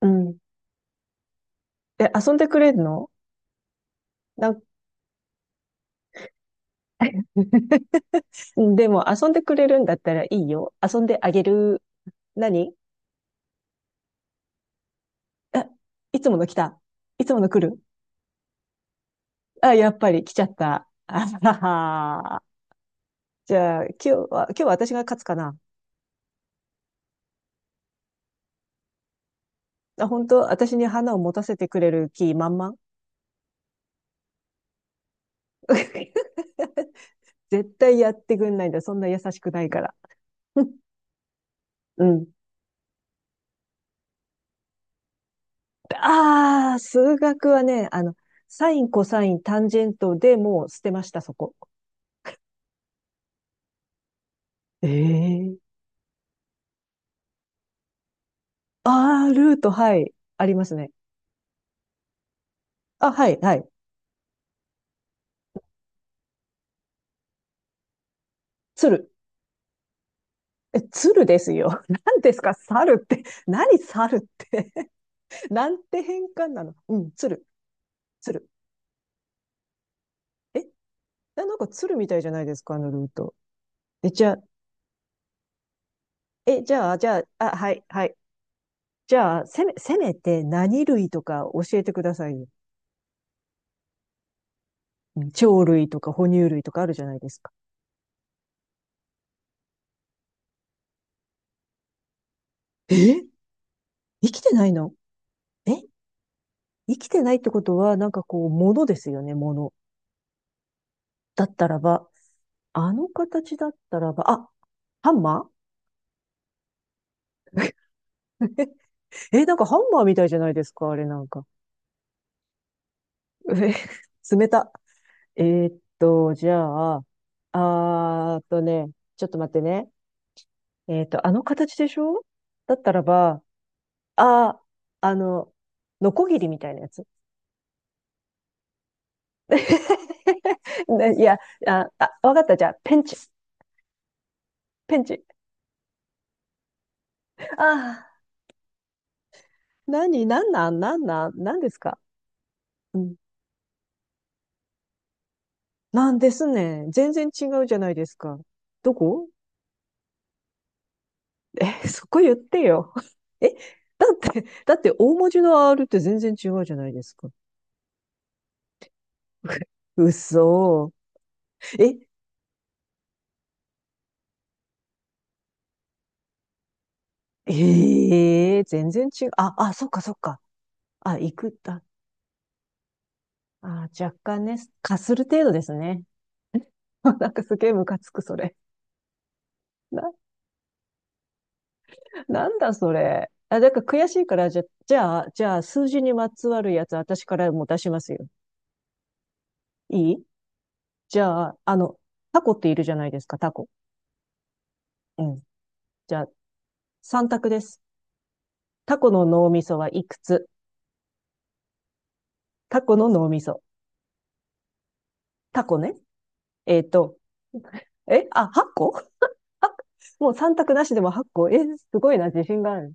うん。え、遊んでくれるの？なん でも遊んでくれるんだったらいいよ。遊んであげる。何？あ、いつもの来た。いつもの来る。あ、やっぱり来ちゃった。あはは。じゃあ、今日は、今日は私が勝つかな。あ、本当私に花を持たせてくれる気満々？ 絶対やってくんないんだ。そんな優しくないから。うん。ああ、数学はね、あの、サイン、コサイン、タンジェントでもう捨てました、そこ。ええ、あ、ールート、はい、ありますね。あ、はい、はい。鶴。え、鶴ですよ。何ですか、猿って。何、猿って。なんて変換なの。うん、鶴、鶴。え、なんか鶴みたいじゃないですか、あのルート。え、じゃあ、え、じゃあ、じゃあ、あ、はい、はい。じゃあ、せめて何類とか教えてくださいよ。うん、鳥類とか哺乳類とかあるじゃないですか。え、生きてないの？え、生きてないってことは、なんかこう、ものですよね、もの。だったらば、あの形だったらば、あ、ハンマー。 え、なんかハンマーみたいじゃないですか、あれなんか。え、冷た。えーっと、じゃあ、あーっとね、ちょっと待ってね。えーっと、あの形でしょ？だったらば、あー、あの、ノコギリみたいなやつ。ねいや、あ、あ、わかった。じゃあ、ペンチ。ペンチ。ああ、何、なんですか。うん。なんですね。全然違うじゃないですか。どこ？え、そこ言ってよ。え、だって大文字の R って全然違うじゃないですか。嘘。え、ええ、全然違う。あ、あ、そっかそっか。あ、行く、あ、あ、若干ね、かする程度ですね。なんかすげえムカつく、それ。な、なんだそれ。あ、だから悔しいから、じゃあ、じゃあ、数字にまつわるやつ、私からもう出しますよ。いい？じゃあ、あの、タコっているじゃないですか、タコ。うん。じゃあ、三択です。タコの脳みそはいくつ？タコの脳みそ。タコね。えっ、ーと、え、あ、8個？あ、もう3択なしでも8個。え、すごいな、自信がある。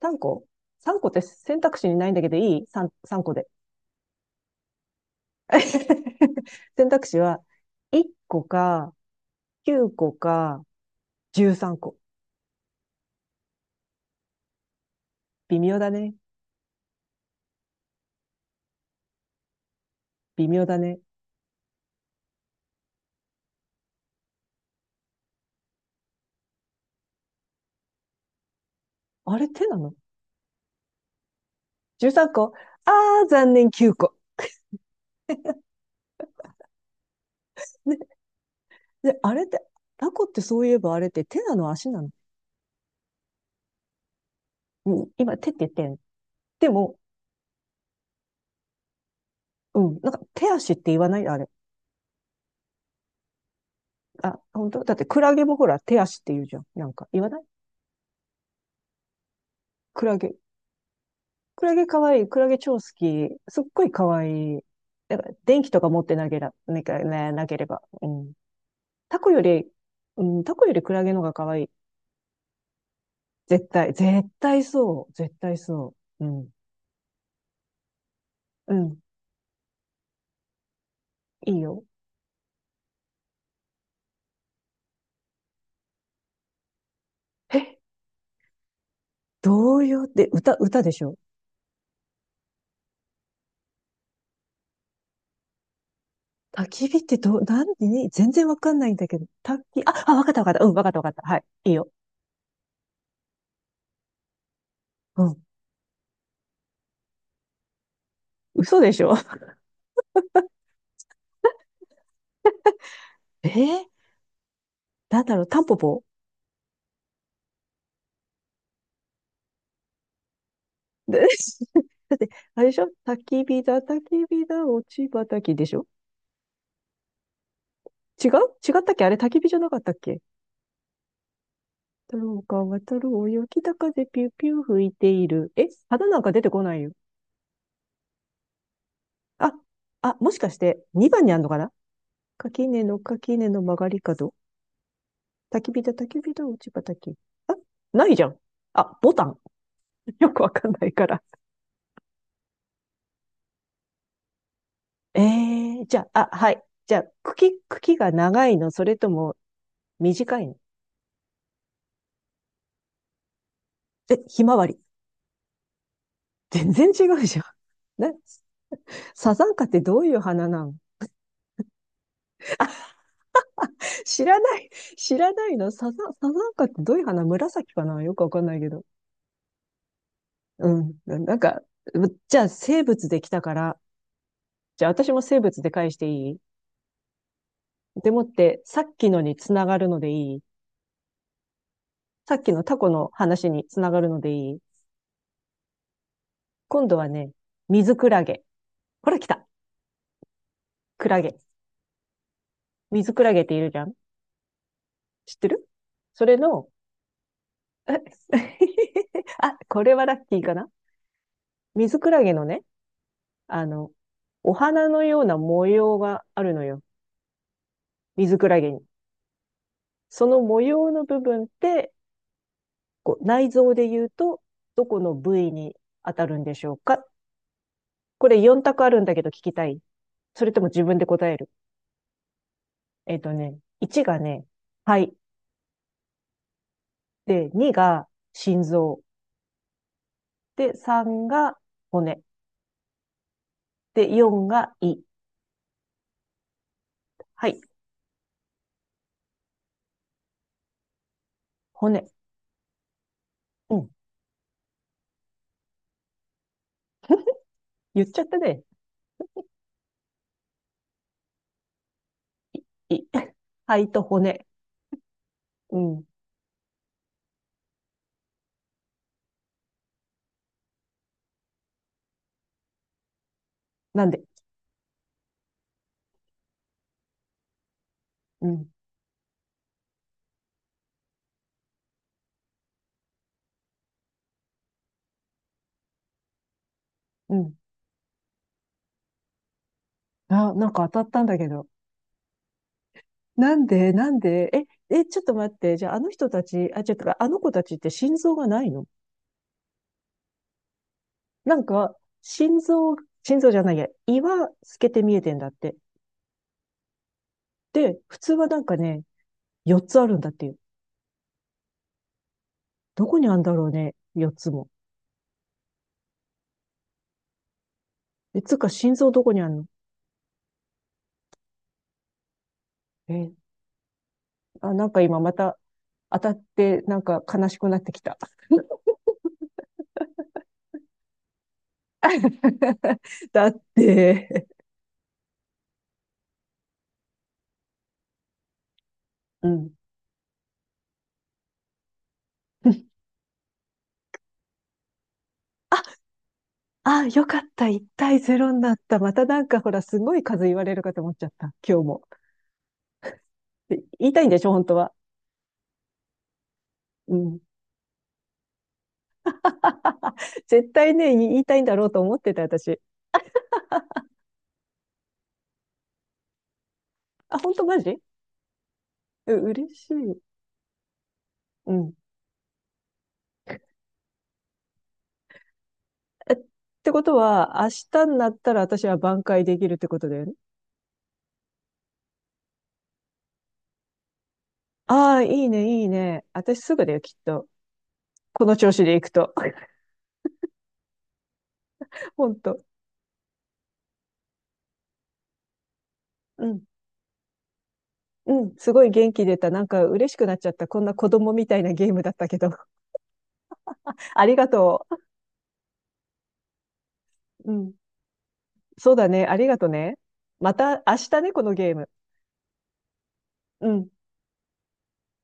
3個？ 3 個って選択肢にないんだけどいい? 3個で。選択肢は1個か9個か13個。微妙だね。微妙だね。あれ手なの？ 13 個？あー、残念、9個。ね、で、あれって、タコってそういえばあれって手なの足なの、うん、今手って言ってん。でも、うん。なんか、手足って言わない？あれ。あ、本当だってクラゲもほら、手足って言うじゃん。なんか、言わない？クラゲ。クラゲ可愛い。クラゲ超好き。すっごい可愛い。やっぱ、電気とか持ってなけら、なけねなければ。うん。タコより、うん、タコよりクラゲの方が可愛い。絶対、絶対そう。絶対そう。うん。うん。いいよ。え、童謡って歌、歌でしょ？焚き火ってどう、なんに、全然わかんないんだけど。焚き、あ、あ、わかったわかった。うん、わかったわかった。はい。いいよ。うん。嘘でしょ？えー、なんだろう、タンポポ？で、 だって、あれでしょ、焚き火だ、焚き火だ、落ち葉焚きでしょ？違う？違ったっけ、あれ焚き火じゃなかったっけ？太郎が渡るおよ、北風ピューピュー吹いている。え、花なんか出てこないよ。あ、あ、もしかして、2番にあんのかな？垣根の垣根の曲がり角。焚き火だ、焚き火だ、落ち葉焚き。あ、ないじゃん。あ、ボタン。よくわかんないから。えー、じゃあ、あ、はい。じゃあ、茎、茎が長いの、それとも短いの？え、ひまわり。全然違うじゃん。ね、サザンカってどういう花なの？知らない、知らないの？サザン、サザンカってどういう花紫かな、よくわかんないけど。うん。なんか、じゃあ生物できたから、じゃあ私も生物で返していい？でもって、さっきのにつながるのでいい？さっきのタコの話につながるのでいい？今度はね、水クラゲ。ほら来た。クラゲ。水クラゲっているじゃん、知ってる？それの？え、 あ、これはラッキーかな？水クラゲのね、あの、お花のような模様があるのよ。水クラゲに。その模様の部分って、こう内臓で言うと、どこの部位に当たるんでしょうか？これ4択あるんだけど聞きたい。それとも自分で答える。えっと、1がね、肺。で、2が心臓。で、3が骨。で、4が胃。はい。骨。うん。言っちゃったね。胃。肺と骨。うん。なんで？うん。うん。あ、なんか当たったんだけど。なんでなんで？え、え、ちょっと待って。じゃあ、あの人たち、あ、ちょっと、あの子たちって心臓がないの？なんか、心臓、心臓じゃないや、胃は透けて見えてんだって。で、普通はなんかね、4つあるんだっていう。どこにあるんだろうね、4つも。え、つうか、心臓どこにあるの？え、あ、なんか今また当たって、なんか悲しくなってきた。だって、うん。あ、よかった。1対0になった。またなんかほら、すごい数言われるかと思っちゃった。今日も。で言いたいんでしょ、本当は。うん。絶対ね、言いたいんだろうと思ってた、私。あ、本当マジ？う、嬉しい。うん。え、ってことは、明日になったら私は挽回できるってことだよね。ああ、いいね、いいね。私すぐだよ、きっと。この調子でいくと。本当。うん。うん。すごい元気出た。なんか嬉しくなっちゃった。こんな子供みたいなゲームだったけど。ありがとう。うん。そうだね。ありがとね。また明日ね、このゲーム。うん。